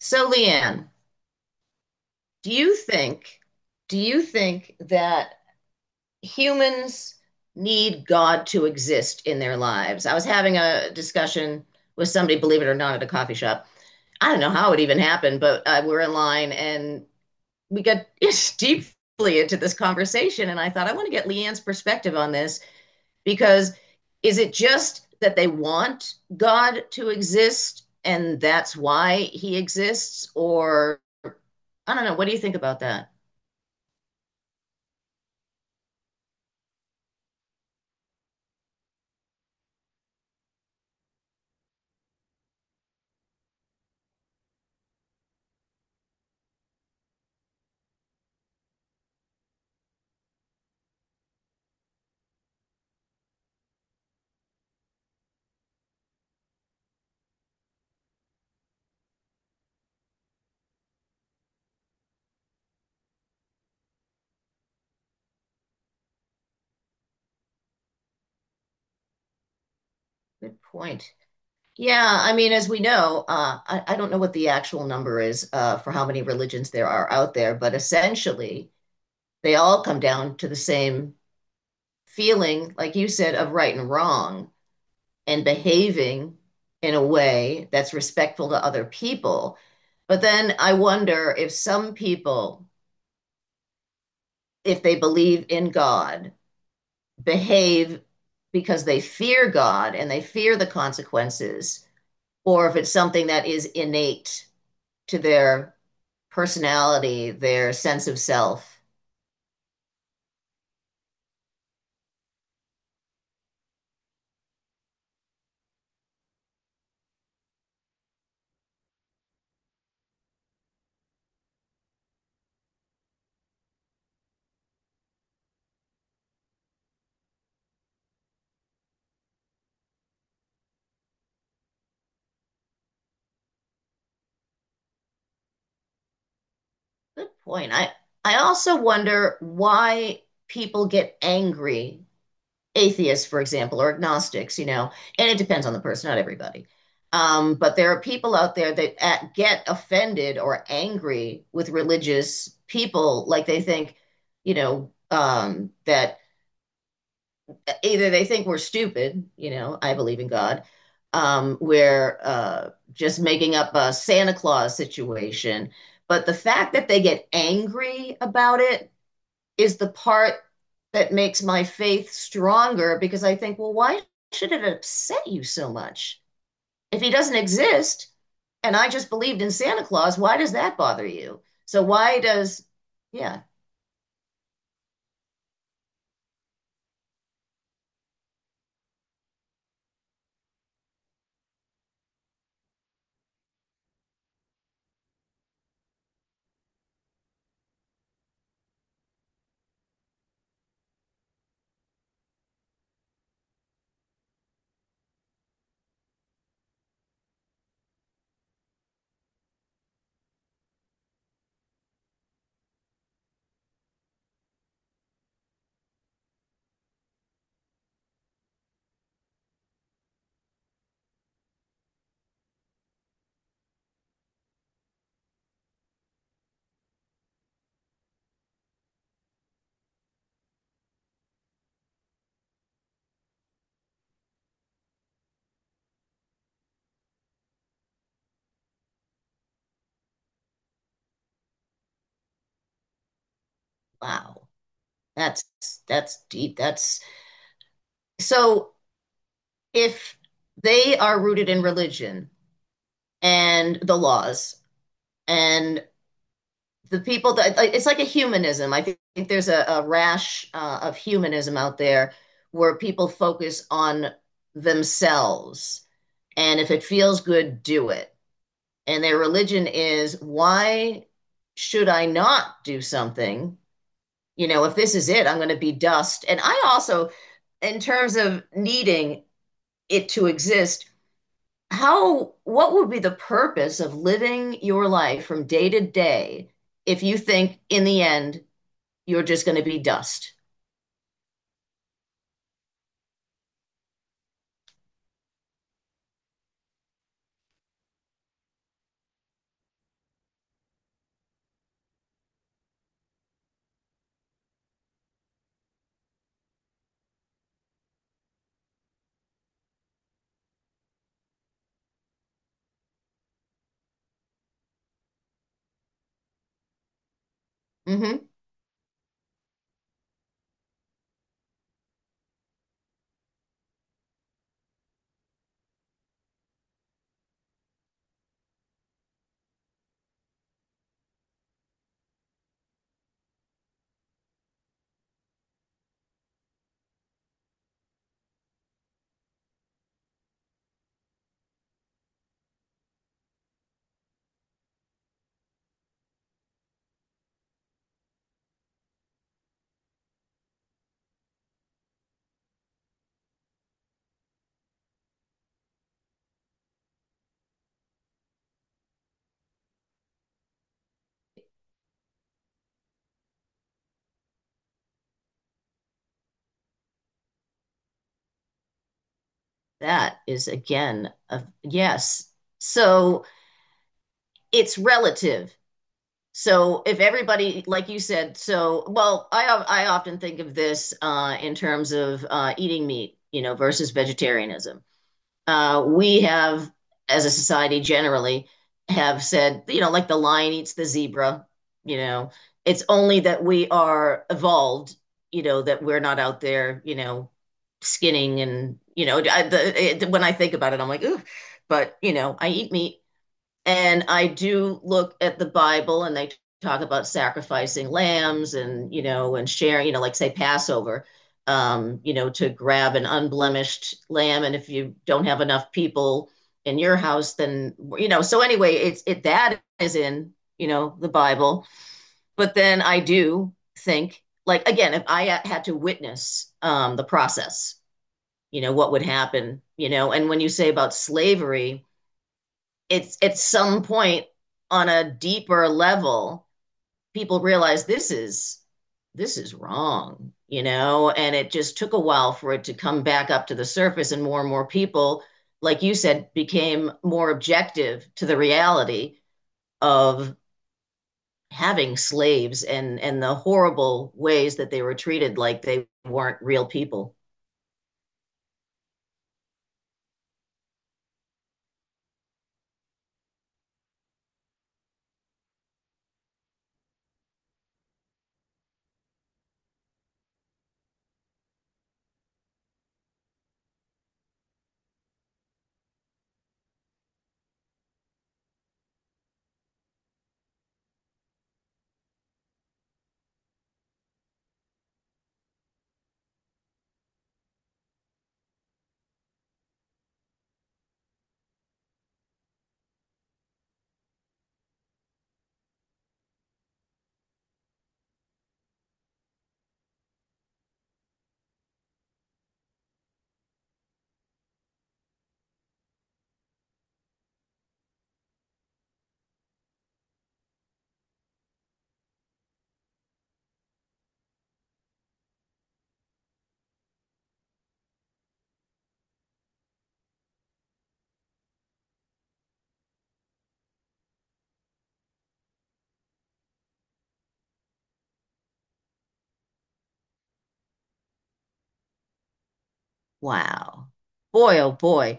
So, Leanne, do you think do you think that humans need God to exist in their lives? I was having a discussion with somebody, believe it or not, at a coffee shop. I don't know how it even happened, but we're in line and we got deeply into this conversation. And I thought, I want to get Leanne's perspective on this because is it just that they want God to exist and that's why he exists? Or I don't know. What do you think about that? Good point. Yeah, I mean, as we know, I don't know what the actual number is for how many religions there are out there, but essentially they all come down to the same feeling, like you said, of right and wrong and behaving in a way that's respectful to other people. But then I wonder if some people, if they believe in God, behave because they fear God and they fear the consequences, or if it's something that is innate to their personality, their sense of self. Good point. I also wonder why people get angry, atheists, for example, or agnostics, you know, and it depends on the person, not everybody. But there are people out there that get offended or angry with religious people, like they think, that either they think we're stupid, you know, I believe in God, we're just making up a Santa Claus situation. But the fact that they get angry about it is the part that makes my faith stronger because I think, well, why should it upset you so much? If he doesn't exist and I just believed in Santa Claus, why does that bother you? Yeah, wow, that's that's deep. That's so if they are rooted in religion and the laws and the people that like, it's like a humanism. I think there's a rash of humanism out there where people focus on themselves. And if it feels good, do it. And their religion is why should I not do something? You know, if this is it, I'm going to be dust. And I also, in terms of needing it to exist, what would be the purpose of living your life from day to day if you think in the end you're just going to be dust? Hmm. That is again a yes. So it's relative. So if everybody, like you said, so well, I often think of this in terms of eating meat, you know, versus vegetarianism. We have, as a society generally, have said, you know, like the lion eats the zebra, you know, it's only that we are evolved, you know, that we're not out there, you know, skinning and, you know, when I think about it, I'm like, ooh, but, you know, I eat meat. And I do look at the Bible and they talk about sacrificing lambs and, you know, and sharing, you know, like say Passover, you know, to grab an unblemished lamb. And if you don't have enough people in your house, then, you know, so anyway, it's it that is in, you know, the Bible. But then I do think, like, again, if I had to witness the process, you know, what would happen, you know, and when you say about slavery, it's at some point on a deeper level, people realize this is wrong, you know, and it just took a while for it to come back up to the surface and more people, like you said, became more objective to the reality of having slaves and the horrible ways that they were treated like they weren't real people. Wow. Boy, oh boy.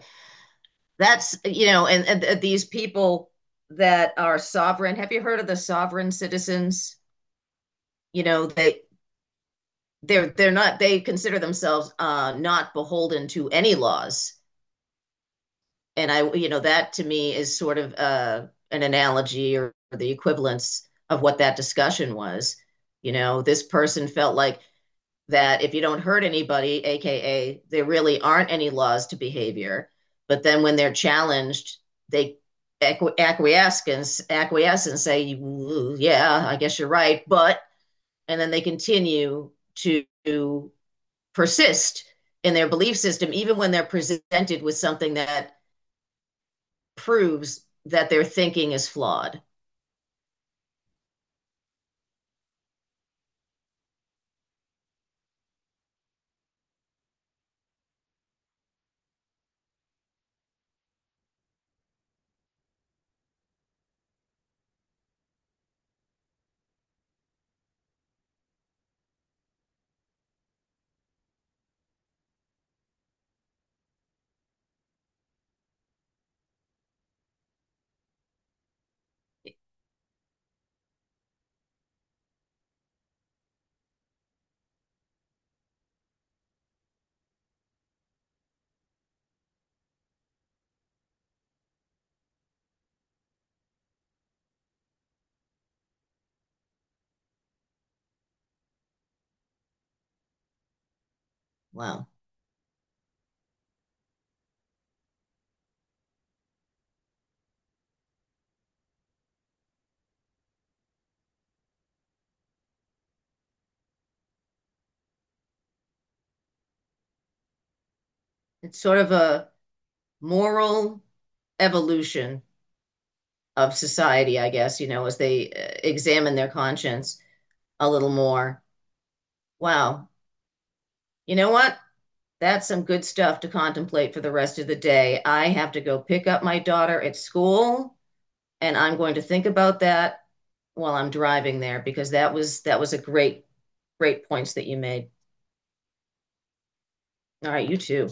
That's, you know, these people that are sovereign. Have you heard of the sovereign citizens? You know, they consider themselves not beholden to any laws. And I, you know, that to me is sort of an analogy or the equivalence of what that discussion was. You know, this person felt like that if you don't hurt anybody, AKA, there really aren't any laws to behavior. But then when they're challenged, they acquiesce and say, yeah, I guess you're right. But, and then they continue to persist in their belief system, even when they're presented with something that proves that their thinking is flawed. Wow. It's sort of a moral evolution of society, I guess, you know, as they examine their conscience a little more. Wow. You know what? That's some good stuff to contemplate for the rest of the day. I have to go pick up my daughter at school, and I'm going to think about that while I'm driving there because that was a great points that you made. All right, you too.